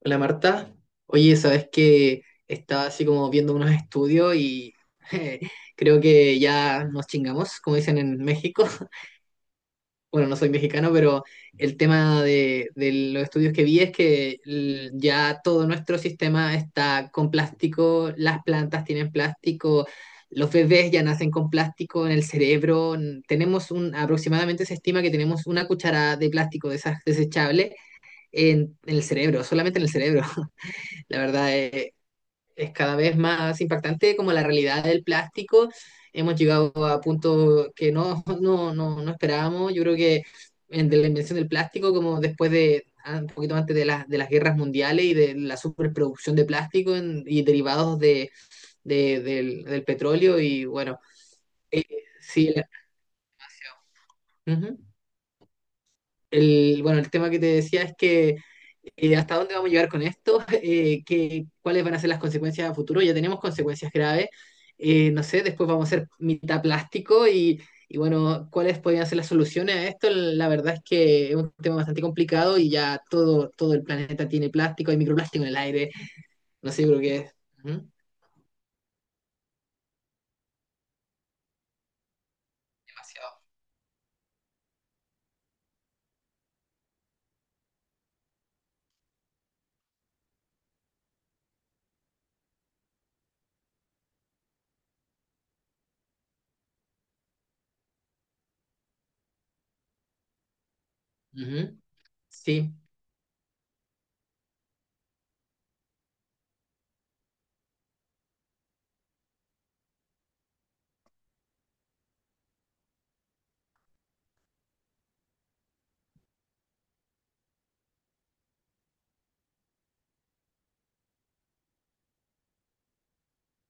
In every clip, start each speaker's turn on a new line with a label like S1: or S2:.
S1: Hola Marta, oye, sabes que estaba así como viendo unos estudios y eh, creo que ya nos chingamos, como dicen en México. Bueno, no soy mexicano, pero el tema de los estudios que vi es que ya todo nuestro sistema está con plástico, las plantas tienen plástico, los bebés ya nacen con plástico en el cerebro. Tenemos aproximadamente se estima que tenemos una cucharada de plástico de esas desechables en el cerebro, solamente en el cerebro. La verdad es cada vez más impactante como la realidad del plástico. Hemos llegado a puntos que no, no, no, no esperábamos. Yo creo que de la invención del plástico, como después de un poquito antes de las guerras mundiales y de la superproducción de plástico y derivados del petróleo y bueno, sí, ujú. El, bueno, el tema que te decía es que hasta dónde vamos a llegar con esto. Cuáles van a ser las consecuencias a futuro. Ya tenemos consecuencias graves. No sé, después vamos a ser mitad plástico y bueno, cuáles podrían ser las soluciones a esto. La verdad es que es un tema bastante complicado y ya todo, todo el planeta tiene plástico, hay microplástico en el aire, no sé, yo creo que es ujú, demasiado. Ujú. Sí,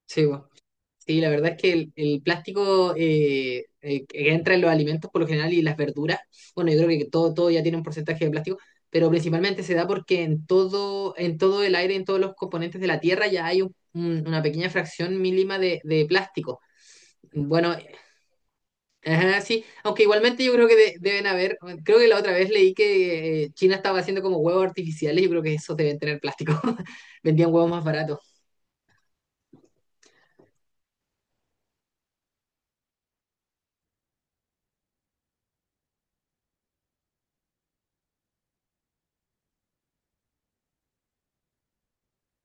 S1: sí. Sí, la verdad es que el plástico que entra en los alimentos por lo general y las verduras, bueno, yo creo que todo ya tiene un porcentaje de plástico, pero principalmente se da porque en todo, el aire, en todos los componentes de la Tierra ya hay una pequeña fracción mínima de plástico. Bueno, ajá, sí, aunque igualmente yo creo que deben haber, creo que la otra vez leí que China estaba haciendo como huevos artificiales, yo creo que esos deben tener plástico, vendían huevos más baratos.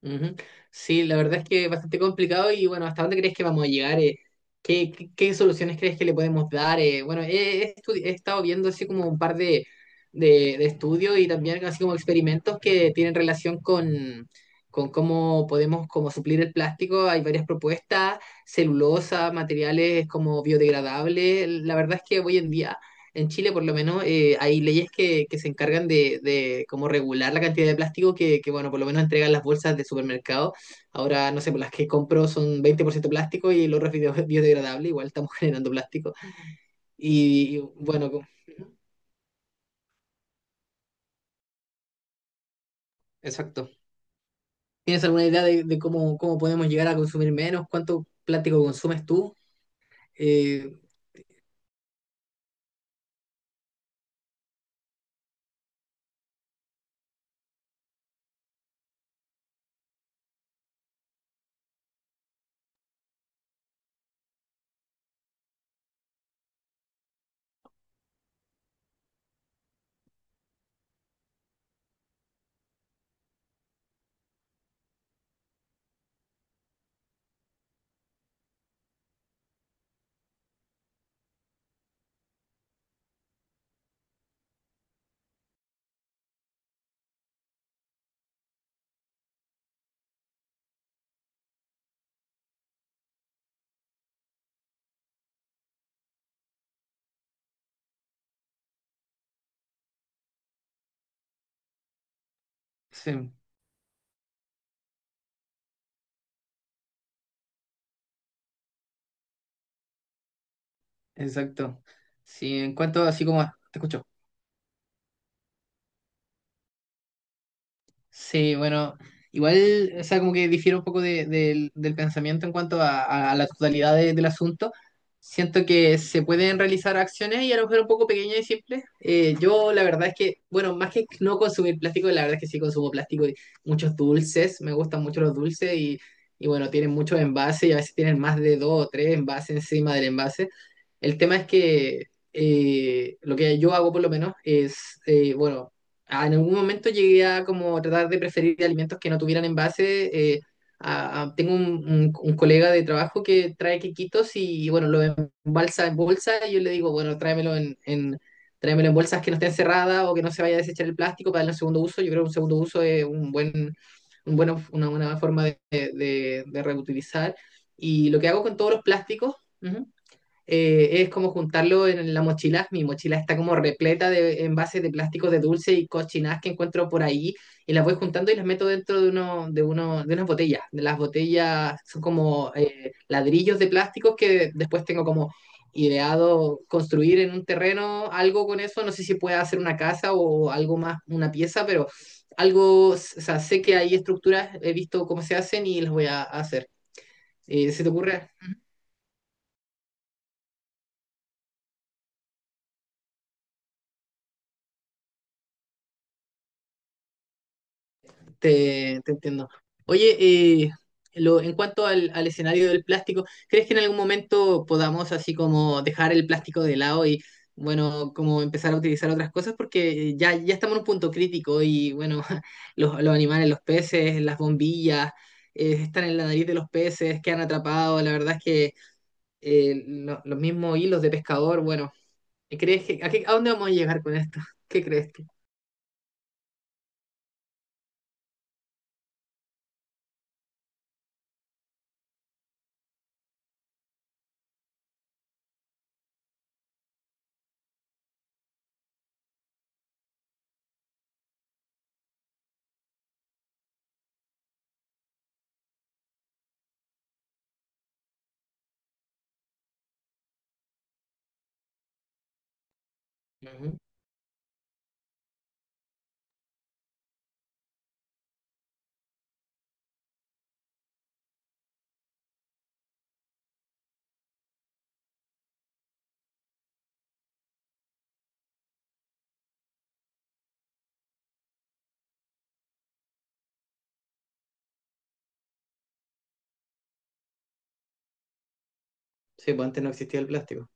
S1: Ujú. Sí, la verdad es que es bastante complicado y bueno, ¿hasta dónde crees que vamos a llegar, eh? Qué soluciones crees que le podemos dar, eh? Bueno, he estado viendo así como un par de, de estudios y también así como experimentos que tienen relación con cómo podemos como suplir el plástico. Hay varias propuestas, celulosa, materiales como biodegradables. La verdad es que hoy en día en Chile, por lo menos, hay leyes que se encargan de como regular la cantidad de plástico bueno, por lo menos entregan las bolsas de supermercado. Ahora, no sé, por las que compro son 20% plástico y el otro es biodegradable, igual estamos generando plástico. Bueno, exacto. ¿Tienes alguna idea de cómo, cómo podemos llegar a consumir menos? ¿Cuánto plástico consumes tú? Eh, sí, exacto. Sí, en cuanto, así como te escucho. Sí, bueno, igual, o sea, como que difiero un poco del pensamiento en cuanto a, la totalidad del asunto. Siento que se pueden realizar acciones y a lo mejor un poco pequeñas y simples. Yo la verdad es que, bueno, más que no consumir plástico, la verdad es que sí consumo plástico y muchos dulces, me gustan mucho los dulces y bueno, tienen muchos envases y a veces tienen más de dos o tres envases encima del envase. El tema es que lo que yo hago por lo menos es, bueno, en algún momento llegué a como tratar de preferir alimentos que no tuvieran envase. Tengo un, un colega de trabajo que trae quequitos y, bueno, lo embalsa en bolsa y yo le digo, bueno, tráemelo en, tráemelo en bolsas que no estén cerradas o que no se vaya a desechar el plástico para darle un segundo uso. Yo creo que un segundo uso es un buen, una buena forma de, de reutilizar. Y lo que hago con todos los plásticos, ujú, es como juntarlo en la mochila. Mi mochila está como repleta de envases de plásticos de dulce y cochinadas que encuentro por ahí y las voy juntando y las meto dentro de unas botellas. De las botellas son como ladrillos de plásticos que después tengo como ideado construir en un terreno algo con eso. No sé si pueda hacer una casa o algo más, una pieza, pero algo, o sea, sé que hay estructuras, he visto cómo se hacen y las voy a hacer. ¿Se te ocurre Te, entiendo. Oye, eh, en cuanto al escenario del plástico, ¿crees que en algún momento podamos así como dejar el plástico de lado y, bueno, como empezar a utilizar otras cosas? Porque ya estamos en un punto crítico y, bueno, los animales, los peces, las bombillas, están en la nariz de los peces, quedan atrapados. La verdad es que los mismos hilos de pescador, bueno, ¿crees que, a dónde vamos a llegar con esto? ¿Qué crees tú? Ujú. Sí, pues antes no existía el plástico.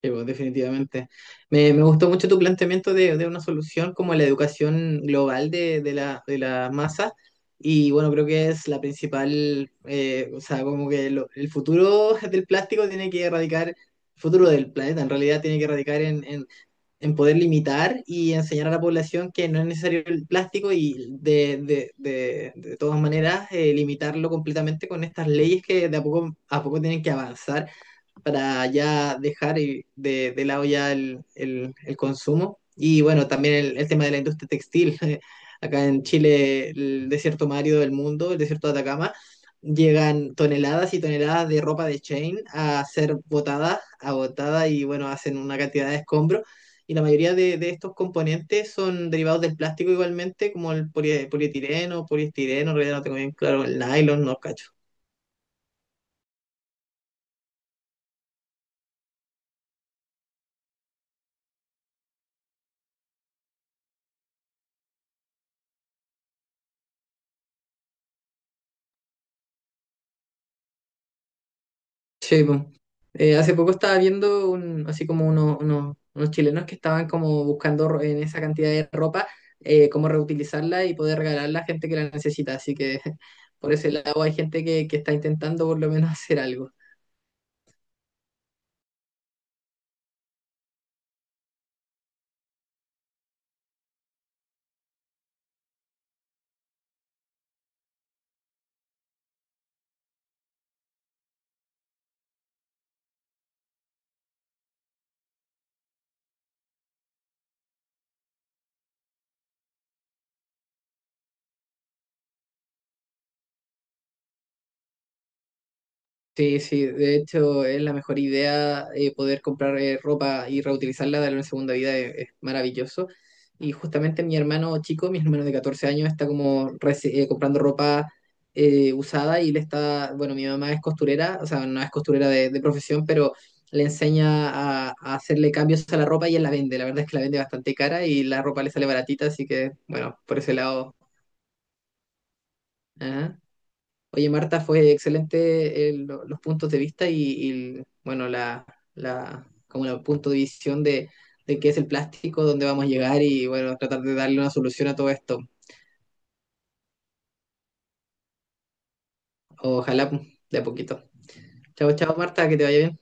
S1: Sí, pues, definitivamente. Me, gustó mucho tu planteamiento de una solución como la educación global de, de la masa. Y bueno, creo que es la principal, o sea, como que el futuro del plástico tiene que erradicar, el futuro del planeta en realidad tiene que erradicar en poder limitar y enseñar a la población que no es necesario el plástico y de todas maneras limitarlo completamente con estas leyes que de a poco tienen que avanzar para ya dejar de lado ya el, el consumo. Y bueno, también el tema de la industria textil. Acá en Chile, el desierto más árido del mundo, el desierto de Atacama, llegan toneladas y toneladas de ropa de chain a ser botada, agotada y bueno, hacen una cantidad de escombros. Y la mayoría de estos componentes son derivados del plástico igualmente, como el polietileno, poliestireno, en realidad no tengo bien claro, el nylon, no cacho. Sí, po. Hace poco estaba viendo un, así como unos chilenos que estaban como buscando en esa cantidad de ropa cómo reutilizarla y poder regalarla a gente que la necesita. Así que por ese lado hay gente que está intentando por lo menos hacer algo. Sí, sí, de hecho es la mejor idea, poder comprar ropa y reutilizarla, darle una segunda vida, es maravilloso. Y justamente mi hermano chico, mi hermano de 14 años, está como comprando ropa usada y le está, bueno, mi mamá es costurera, o sea, no es costurera de profesión, pero le enseña a hacerle cambios a la ropa y él la vende. La verdad es que la vende bastante cara y la ropa le sale baratita, así que, bueno, por ese lado. Ajá. Oye, Marta, fue excelente los puntos de vista y, bueno, la, como el punto de visión de qué es el plástico, dónde vamos a llegar y bueno, tratar de darle una solución a todo esto. Ojalá pues, de a poquito. Chao, chao, Marta, que te vaya bien.